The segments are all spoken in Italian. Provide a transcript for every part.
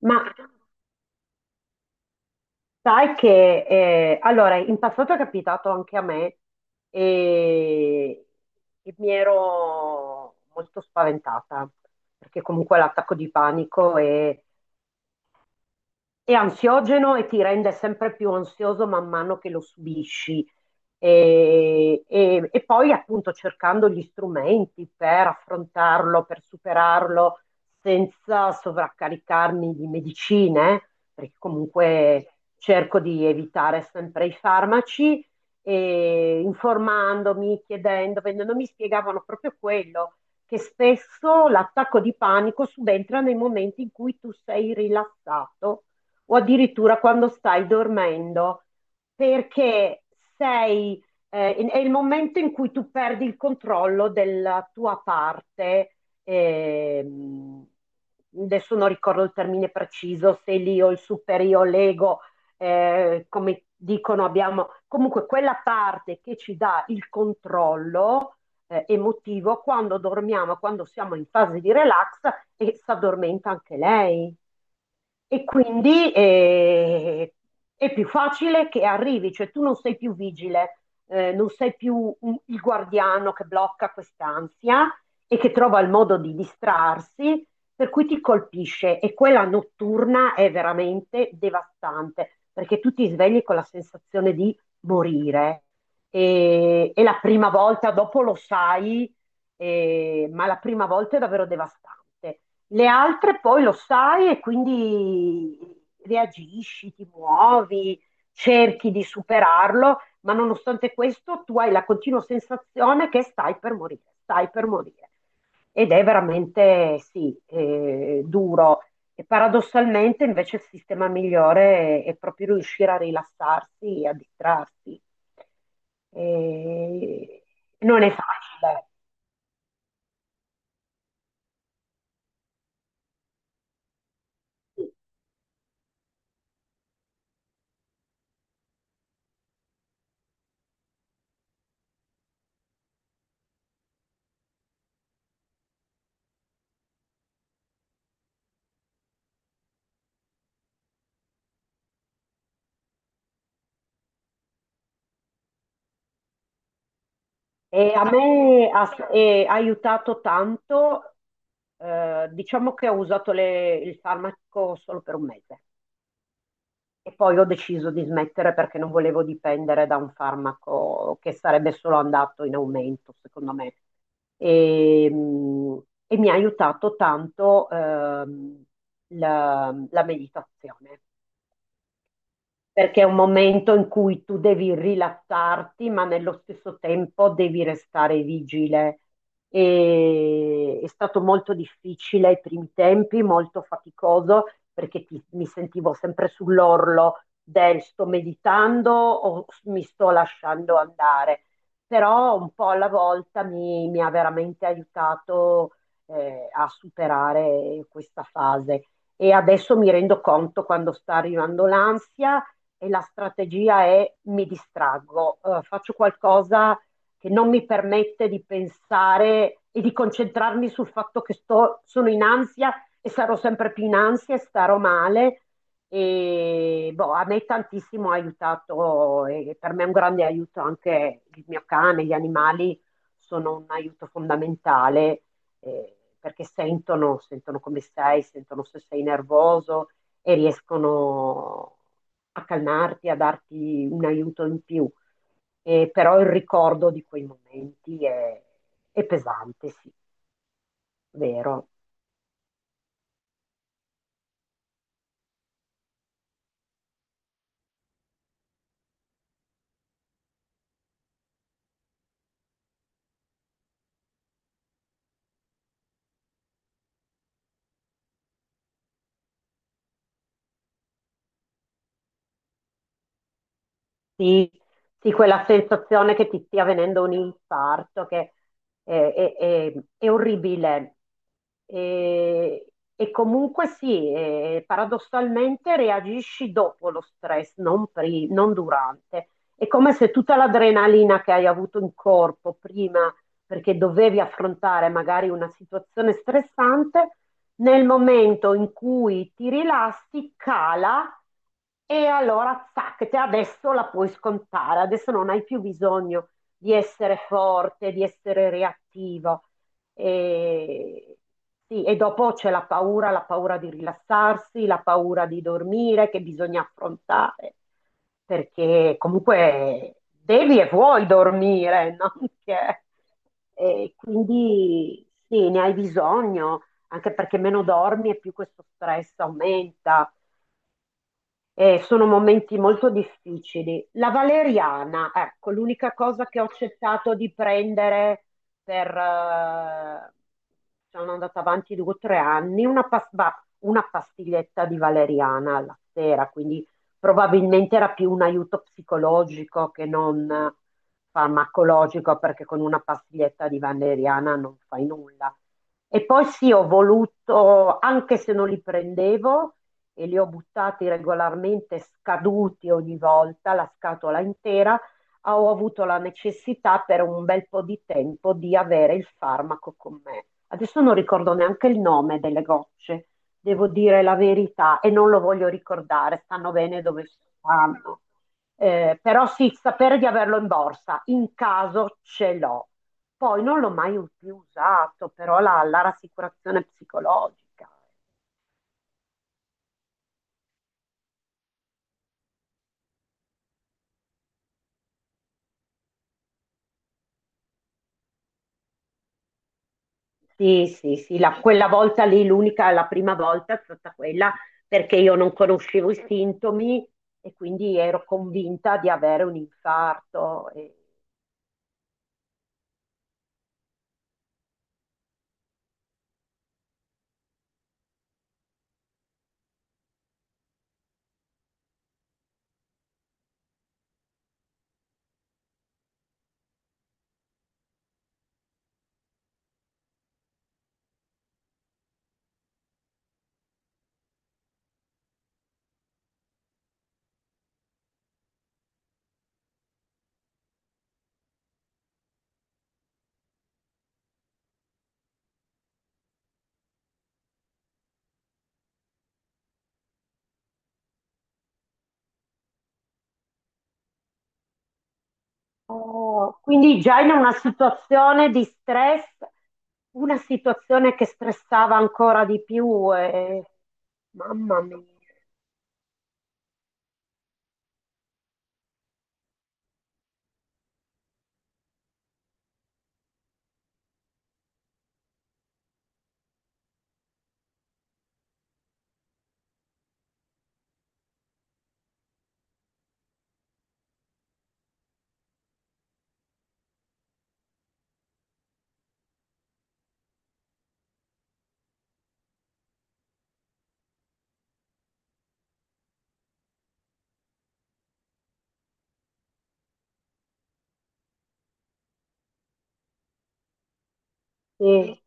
Ma sai che, allora, in passato è capitato anche a me e, mi ero molto spaventata, perché comunque l'attacco di panico è ansiogeno e ti rende sempre più ansioso man mano che lo subisci. E poi appunto cercando gli strumenti per affrontarlo, per superarlo senza sovraccaricarmi di medicine, perché comunque cerco di evitare sempre i farmaci, e informandomi, chiedendo, vendendo, mi spiegavano proprio quello, che spesso l'attacco di panico subentra nei momenti in cui tu sei rilassato o addirittura quando stai dormendo, perché sei, è il momento in cui tu perdi il controllo della tua parte. ehm, Adesso non ricordo il termine preciso, se l'io, il superio, l'ego, come dicono, abbiamo comunque quella parte che ci dà il controllo emotivo quando dormiamo, quando siamo in fase di relax e si addormenta anche lei. E quindi è più facile che arrivi, cioè tu non sei più vigile, non sei più il guardiano che blocca quest'ansia e che trova il modo di distrarsi, per cui ti colpisce. E quella notturna è veramente devastante, perché tu ti svegli con la sensazione di morire. E la prima volta, dopo lo sai, ma la prima volta è davvero devastante. Le altre poi lo sai e quindi reagisci, ti muovi, cerchi di superarlo, ma nonostante questo tu hai la continua sensazione che stai per morire, stai per morire. Ed è veramente, sì, duro. E paradossalmente invece il sistema migliore è proprio riuscire a rilassarsi e a distrarsi. E non è facile. E a me ha, e ha aiutato tanto, diciamo che ho usato il farmaco solo per un mese e poi ho deciso di smettere perché non volevo dipendere da un farmaco che sarebbe solo andato in aumento, secondo me. E mi ha aiutato tanto, la meditazione. Perché è un momento in cui tu devi rilassarti, ma nello stesso tempo devi restare vigile. E è stato molto difficile ai primi tempi, molto faticoso, perché mi sentivo sempre sull'orlo del sto meditando o mi sto lasciando andare. Però un po' alla volta, mi ha veramente aiutato, a superare questa fase. E adesso mi rendo conto quando sta arrivando l'ansia e la strategia è mi distraggo, faccio qualcosa che non mi permette di pensare e di concentrarmi sul fatto che sono in ansia e sarò sempre più in ansia e starò male. E boh, a me tantissimo ha aiutato e per me è un grande aiuto anche il mio cane, gli animali sono un aiuto fondamentale perché sentono, sentono come sei, sentono se sei nervoso, e riescono a calmarti, a darti un aiuto in più. Però il ricordo di quei momenti, è pesante, sì, vero. Sì, sì, quella sensazione che ti stia venendo un infarto, che è orribile. E, e comunque sì, paradossalmente reagisci dopo lo stress, non durante. È come se tutta l'adrenalina che hai avuto in corpo prima, perché dovevi affrontare magari una situazione stressante, nel momento in cui ti rilassi, cala e allora zac, te adesso la puoi scontare, adesso non hai più bisogno di essere forte, di essere reattivo. E, sì, e dopo c'è la paura di rilassarsi, la paura di dormire che bisogna affrontare, perché comunque devi e vuoi dormire, non che... E quindi sì, ne hai bisogno anche perché meno dormi e più questo stress aumenta. Sono momenti molto difficili. La valeriana, ecco, l'unica cosa che ho accettato di prendere per... sono andata avanti due o tre anni, una pastiglietta di valeriana alla sera, quindi probabilmente era più un aiuto psicologico che non farmacologico, perché con una pastiglietta di valeriana non fai nulla. E poi sì, ho voluto, anche se non li prendevo, e li ho buttati regolarmente scaduti ogni volta, la scatola intera, ah, ho avuto la necessità per un bel po' di tempo di avere il farmaco con me. Adesso non ricordo neanche il nome delle gocce, devo dire la verità e non lo voglio ricordare, stanno bene dove stanno. Però sì, sapere di averlo in borsa, in caso ce l'ho. Poi non l'ho mai più usato, però la rassicurazione psicologica. Sì, sì, sì, quella volta lì, l'unica, la prima volta è stata quella perché io non conoscevo i sintomi e quindi ero convinta di avere un infarto. E- Oh, quindi già in una situazione di stress, una situazione che stressava ancora di più. E- Mamma mia. Sì.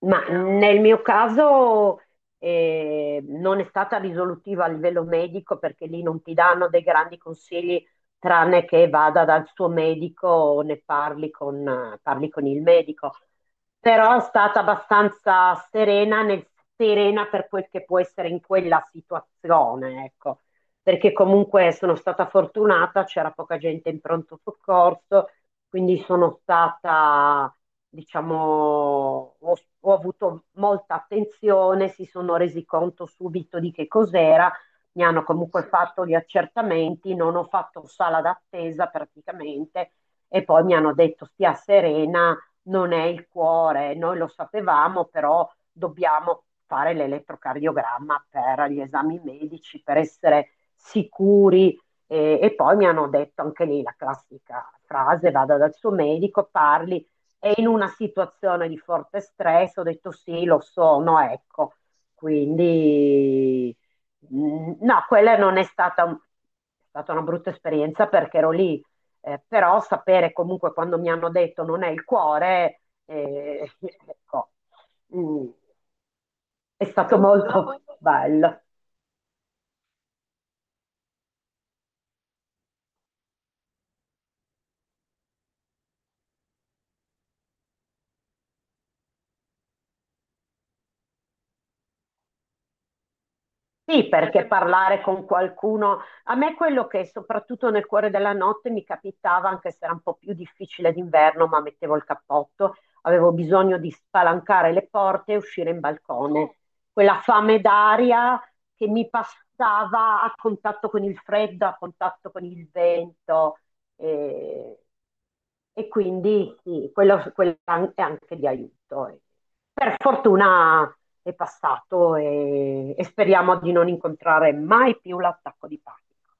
Ma nel mio caso non è stata risolutiva a livello medico perché lì non ti danno dei grandi consigli tranne che vada dal suo medico o ne parli con il medico. Però è stata abbastanza serena, serena per quel che può essere in quella situazione, ecco. Perché comunque sono stata fortunata, c'era poca gente in pronto soccorso quindi sono stata, diciamo, ho avuto molta attenzione, si sono resi conto subito di che cos'era, mi hanno comunque fatto gli accertamenti, non ho fatto sala d'attesa praticamente e poi mi hanno detto stia serena, non è il cuore, noi lo sapevamo, però dobbiamo fare l'elettrocardiogramma per gli esami medici, per essere sicuri e poi mi hanno detto anche lì la classica frase, vada dal suo medico, parli, è in una situazione di forte stress, ho detto sì, lo sono, ecco. Quindi no, quella non è stata, è stata una brutta esperienza perché ero lì, però sapere comunque quando mi hanno detto non è il cuore, ecco, mm, è stato molto bello. Sì, perché parlare con qualcuno, a me quello che soprattutto nel cuore della notte mi capitava, anche se era un po' più difficile d'inverno, ma mettevo il cappotto, avevo bisogno di spalancare le porte e uscire in balcone. Quella fame d'aria che mi passava a contatto con il freddo, a contatto con il vento. E, e quindi sì, quello è anche di aiuto. Eh, per fortuna è passato e speriamo di non incontrare mai più l'attacco di panico.